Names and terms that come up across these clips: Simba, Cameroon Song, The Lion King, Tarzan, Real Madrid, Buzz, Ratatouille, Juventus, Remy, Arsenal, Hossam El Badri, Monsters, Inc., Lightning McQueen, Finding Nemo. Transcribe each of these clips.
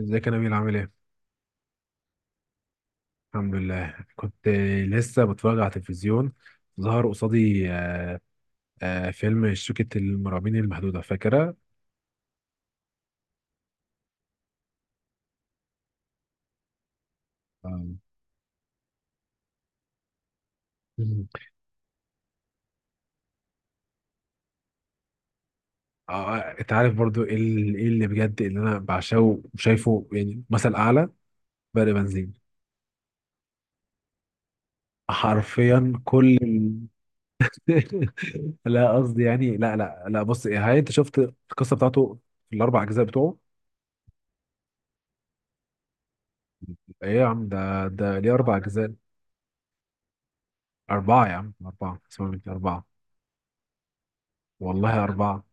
ازيك يا نبيل عامل ايه؟ الحمد لله كنت لسه بتفرج على التلفزيون ظهر قصادي فيلم شركة المرعبين المحدودة فاكرة؟ آه. مم. انت عارف برضو ايه ايه اللي بجد اللي انا بعشقه وشايفه يعني مثل اعلى برق بنزين حرفيا كل لا قصدي يعني لا بص إيه، هاي انت شفت القصة بتاعته في الاربع اجزاء بتوعه؟ ايه يا عم ده ليه اربع اجزاء؟ اربعة يا عم اربعة اسمع مني اربعة. والله اربعة.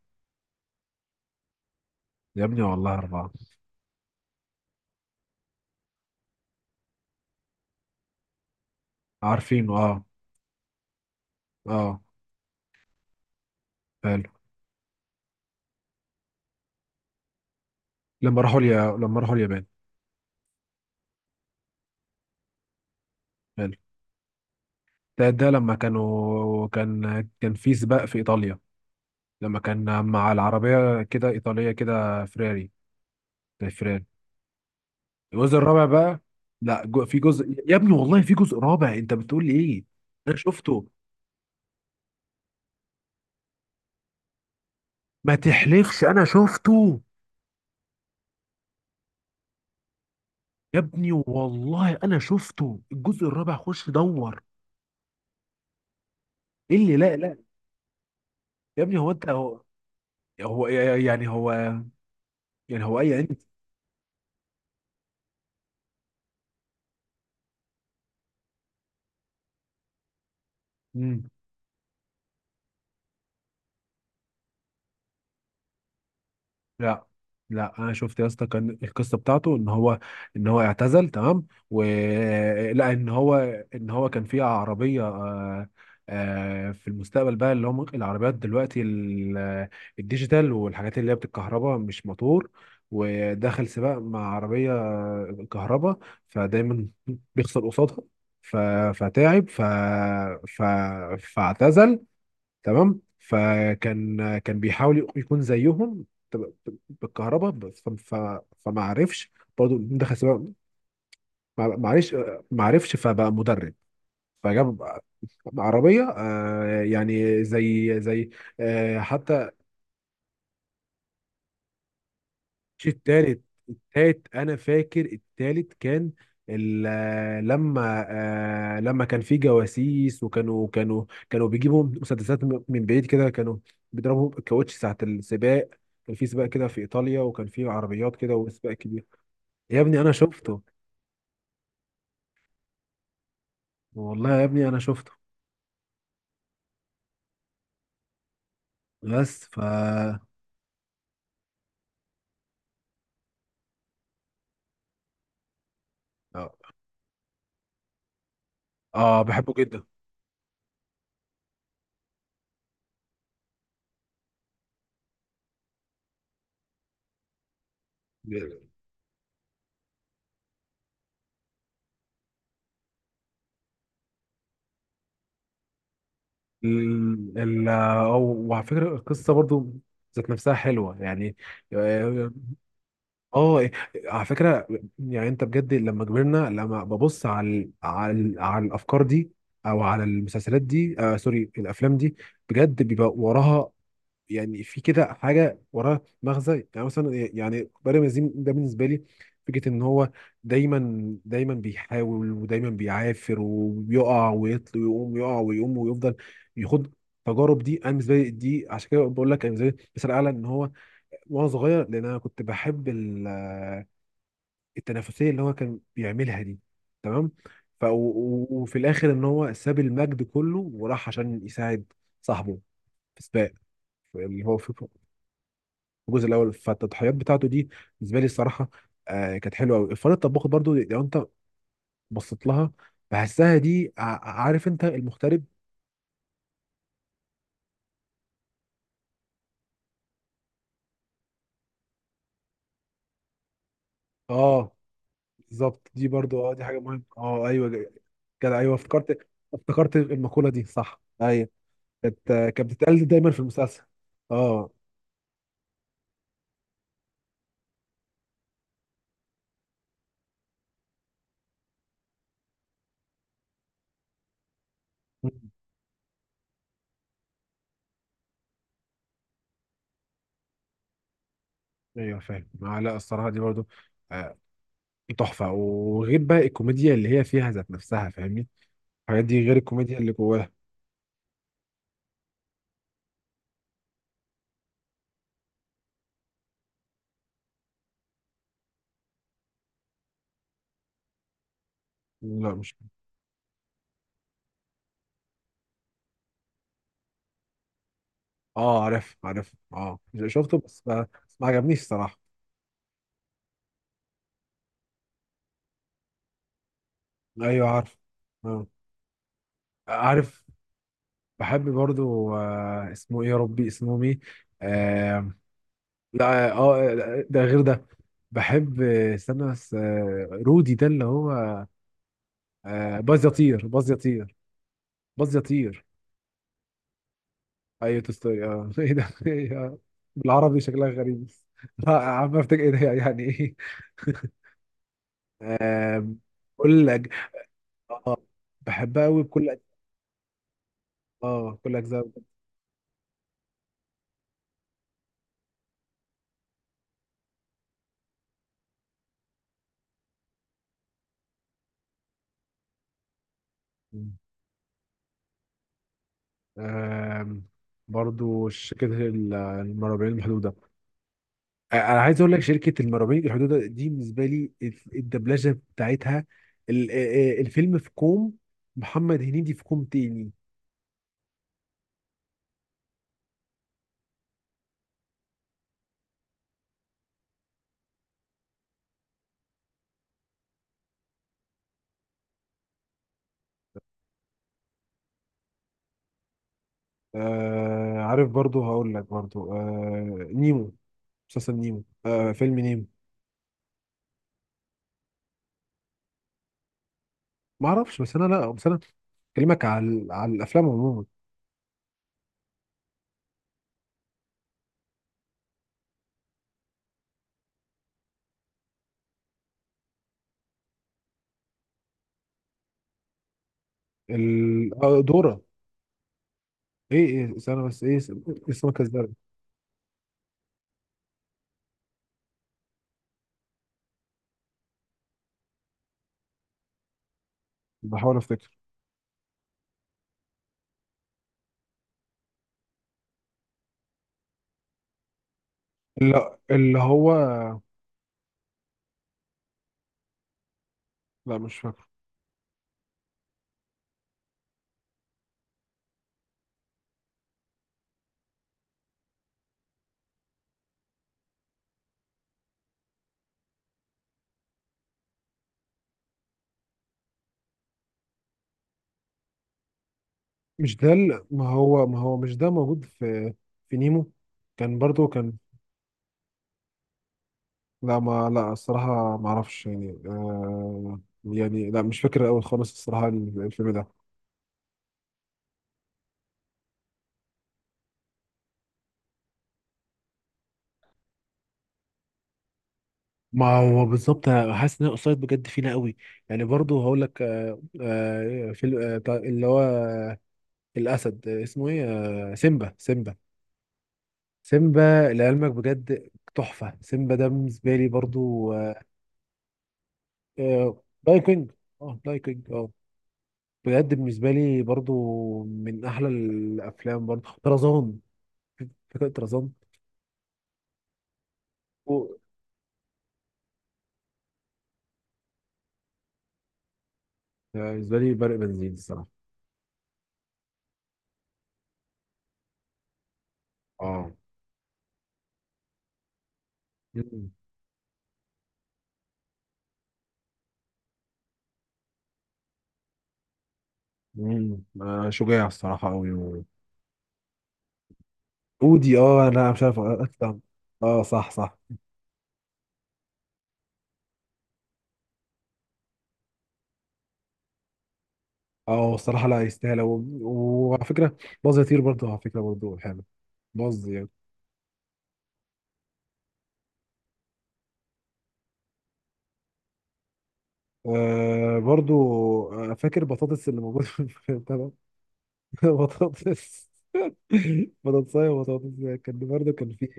يا ابني والله أربعة. عارفينه، اه. اه. حلو. لما راحوا اليابان. حلو. ده لما كانوا كان في سباق في إيطاليا، لما كان مع العربية كده إيطالية كده فراري، زي فراري. الجزء الرابع بقى. لا جو... في جزء، يا ابني والله في جزء رابع، أنت بتقول لي إيه؟ أنا شفته. ما تحلفش، أنا شفته. يا ابني والله أنا شفته الجزء الرابع، خش دور. إيه اللي لا لا. يا ابني هو هو يعني هو اي. مم. لا لا، انا شفت يا اسطى كان القصه بتاعته ان هو ان هو اعتزل، تمام، ولا ان هو ان هو كان في عربيه، آه، في المستقبل بقى، اللي هم العربيات دلوقتي الديجيتال والحاجات اللي هي بتتكهرباء مش موتور، ودخل سباق مع عربيه كهرباء، فدايما بيخسر قصادها، ف- فتعب، ف... فاعتزل. تمام. فكان بيحاول يكون زيهم، ب- بالكهرباء بس فما عرفش، برضه دخل سباق، ما عرفش، ما عرفش، فبقى مدرب، فجاب عربية، آه، يعني زي آه، حتى. مش التالت. التالت انا فاكر التالت كان آه، لما لما كان في جواسيس، وكانوا كانوا بيجيبوا مسدسات من بعيد كده، كانوا بيضربوا الكاوتش ساعة السباق. كان في سباق كده في ايطاليا، وكان في عربيات كده وسباق كبير. يا ابني انا شفته، والله يا ابني انا شفته. بس ف اه بحبه جدا. ال... وعلى فكرة القصة برضو ذات نفسها حلوة يعني. آه. اه إيه، على فكره، يعني انت بجد لما كبرنا، لما ببص على على على الافكار دي او على المسلسلات دي، آه سوري، الافلام دي، بجد بيبقى وراها، يعني في كده حاجه وراها مغزى. يعني مثلا إيه، يعني بارم الزين ده بالنسبه لي، فكره ان هو دايما دايما بيحاول، ودايما بيعافر وبيقع ويطل ويقوم، يقع ويقوم ويفضل يخوض التجارب دي. انا بالنسبه لي دي عشان كده بقول لك انا بالنسبه لي مثال اعلى ان هو، وانا صغير، لان انا كنت بحب التنافسيه اللي هو كان بيعملها دي، تمام. ف وفي الاخر ان هو ساب المجد كله وراح عشان يساعد صاحبه في سباق، اللي هو في الجزء الاول، فالتضحيات بتاعته دي بالنسبه لي الصراحه آه كانت حلوه قوي. الفار الطباخ برضو، لو انت بصيت لها بحسها دي، عارف انت المغترب. اه بالظبط، دي برضو اه دي حاجه مهمه، اه ايوه كده، ايوه افتكرت، افتكرت المقوله دي، صح، ايوه. كانت كانت بتتقال دايما في المسلسل. اه ايوه فاهم آه. لا الصراحه دي برضو آه، تحفه، وغير بقى الكوميديا اللي هي فيها ذات نفسها، فاهمني، الحاجات دي غير الكوميديا اللي جواها. لا مش. اه عارف عارف، اه شفته بس ما, بس ما عجبنيش الصراحه. ايوه عارف. آه. عارف. بحب برضو آه، اسمه ايه يا ربي، اسمه مين آه. لا، اه، ده غير ده. بحب، استنى بس آه، رودي ده اللي هو آه، باز يطير، باز يطير. باز يطير. ايوه تستوري اه ايه ده إيه ده؟ بالعربي شكلها غريب، لا عم افتكر ايه ده يعني ايه. آم، كل أج... اه بحبها قوي بكل أج... اه كل اجزاء. آم، برضو شركة المرابعين المحدودة. انا عايز اقول لك شركة المرابعين المحدودة دي بالنسبة لي الدبلجة بتاعتها الفيلم في كوم، محمد هنيدي في كوم تاني. آه عارف، برضو هقول لك برضو آه، نيمو، مسلسل نيمو آه فيلم نيمو. ما اعرفش، بس انا لا بس انا بكلمك على على الافلام عموما. دورة. ايه استنى بس، اسمك ازاي. بحاول افتكر. لا اللي هو. لا مش فاكر. مش ده ما هو، ما هو مش ده موجود في في نيمو، كان برضو كان. لا ما لا الصراحة ما اعرفش يعني آه يعني لا مش فاكر قوي خالص الصراحة الفيلم ده. ما هو بالظبط انا حاسس ان الاوفسايد بجد فينا قوي. يعني برضو هقول لك آه، في اللي هو آه، الاسد، اسمه ايه، سيمبا، سيمبا، سيمبا. لعلمك بجد تحفه، سيمبا ده بالنسبه لي برضو آه، لاين كينج. اه لاين كينج اه. بجد بالنسبه لي برضو من احلى الافلام، برضو طرزان، فكره طرزان. و- آه، بالنسبه لي برق بنزين الصراحه. اه. مم. مم. شجاع الصراحه قوي. اودي، اه لا مش عارف اتلم. اه صح صح. اه الصراحه لا، يستاهل، وعلى فكره، باظ يطير برضه، على فكره برضه حلو، باظ يعني. آه برضه فاكر بطاطس اللي موجود في البتاع ده؟ بطاطس، بطاطساية وبطاطس، كان برضه كان فيه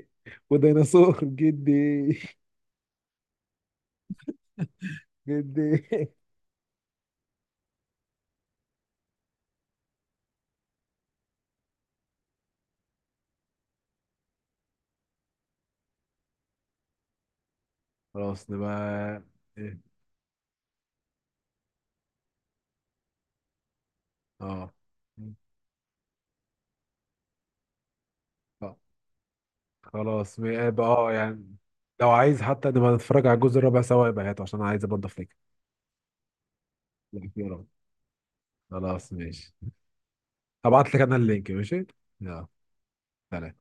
وديناصور، جدي، جدي. خلاص نبقى. إيه؟ اه. آه. خلاص اه يعني لو عايز حتى نبقى نتفرج على الجزء الرابع سوا يبقى هاته، عشان انا عايز برضه افتكر الأخيرة. خلاص ماشي. هبعت لك أنا اللينك، ماشي. يلا سلام.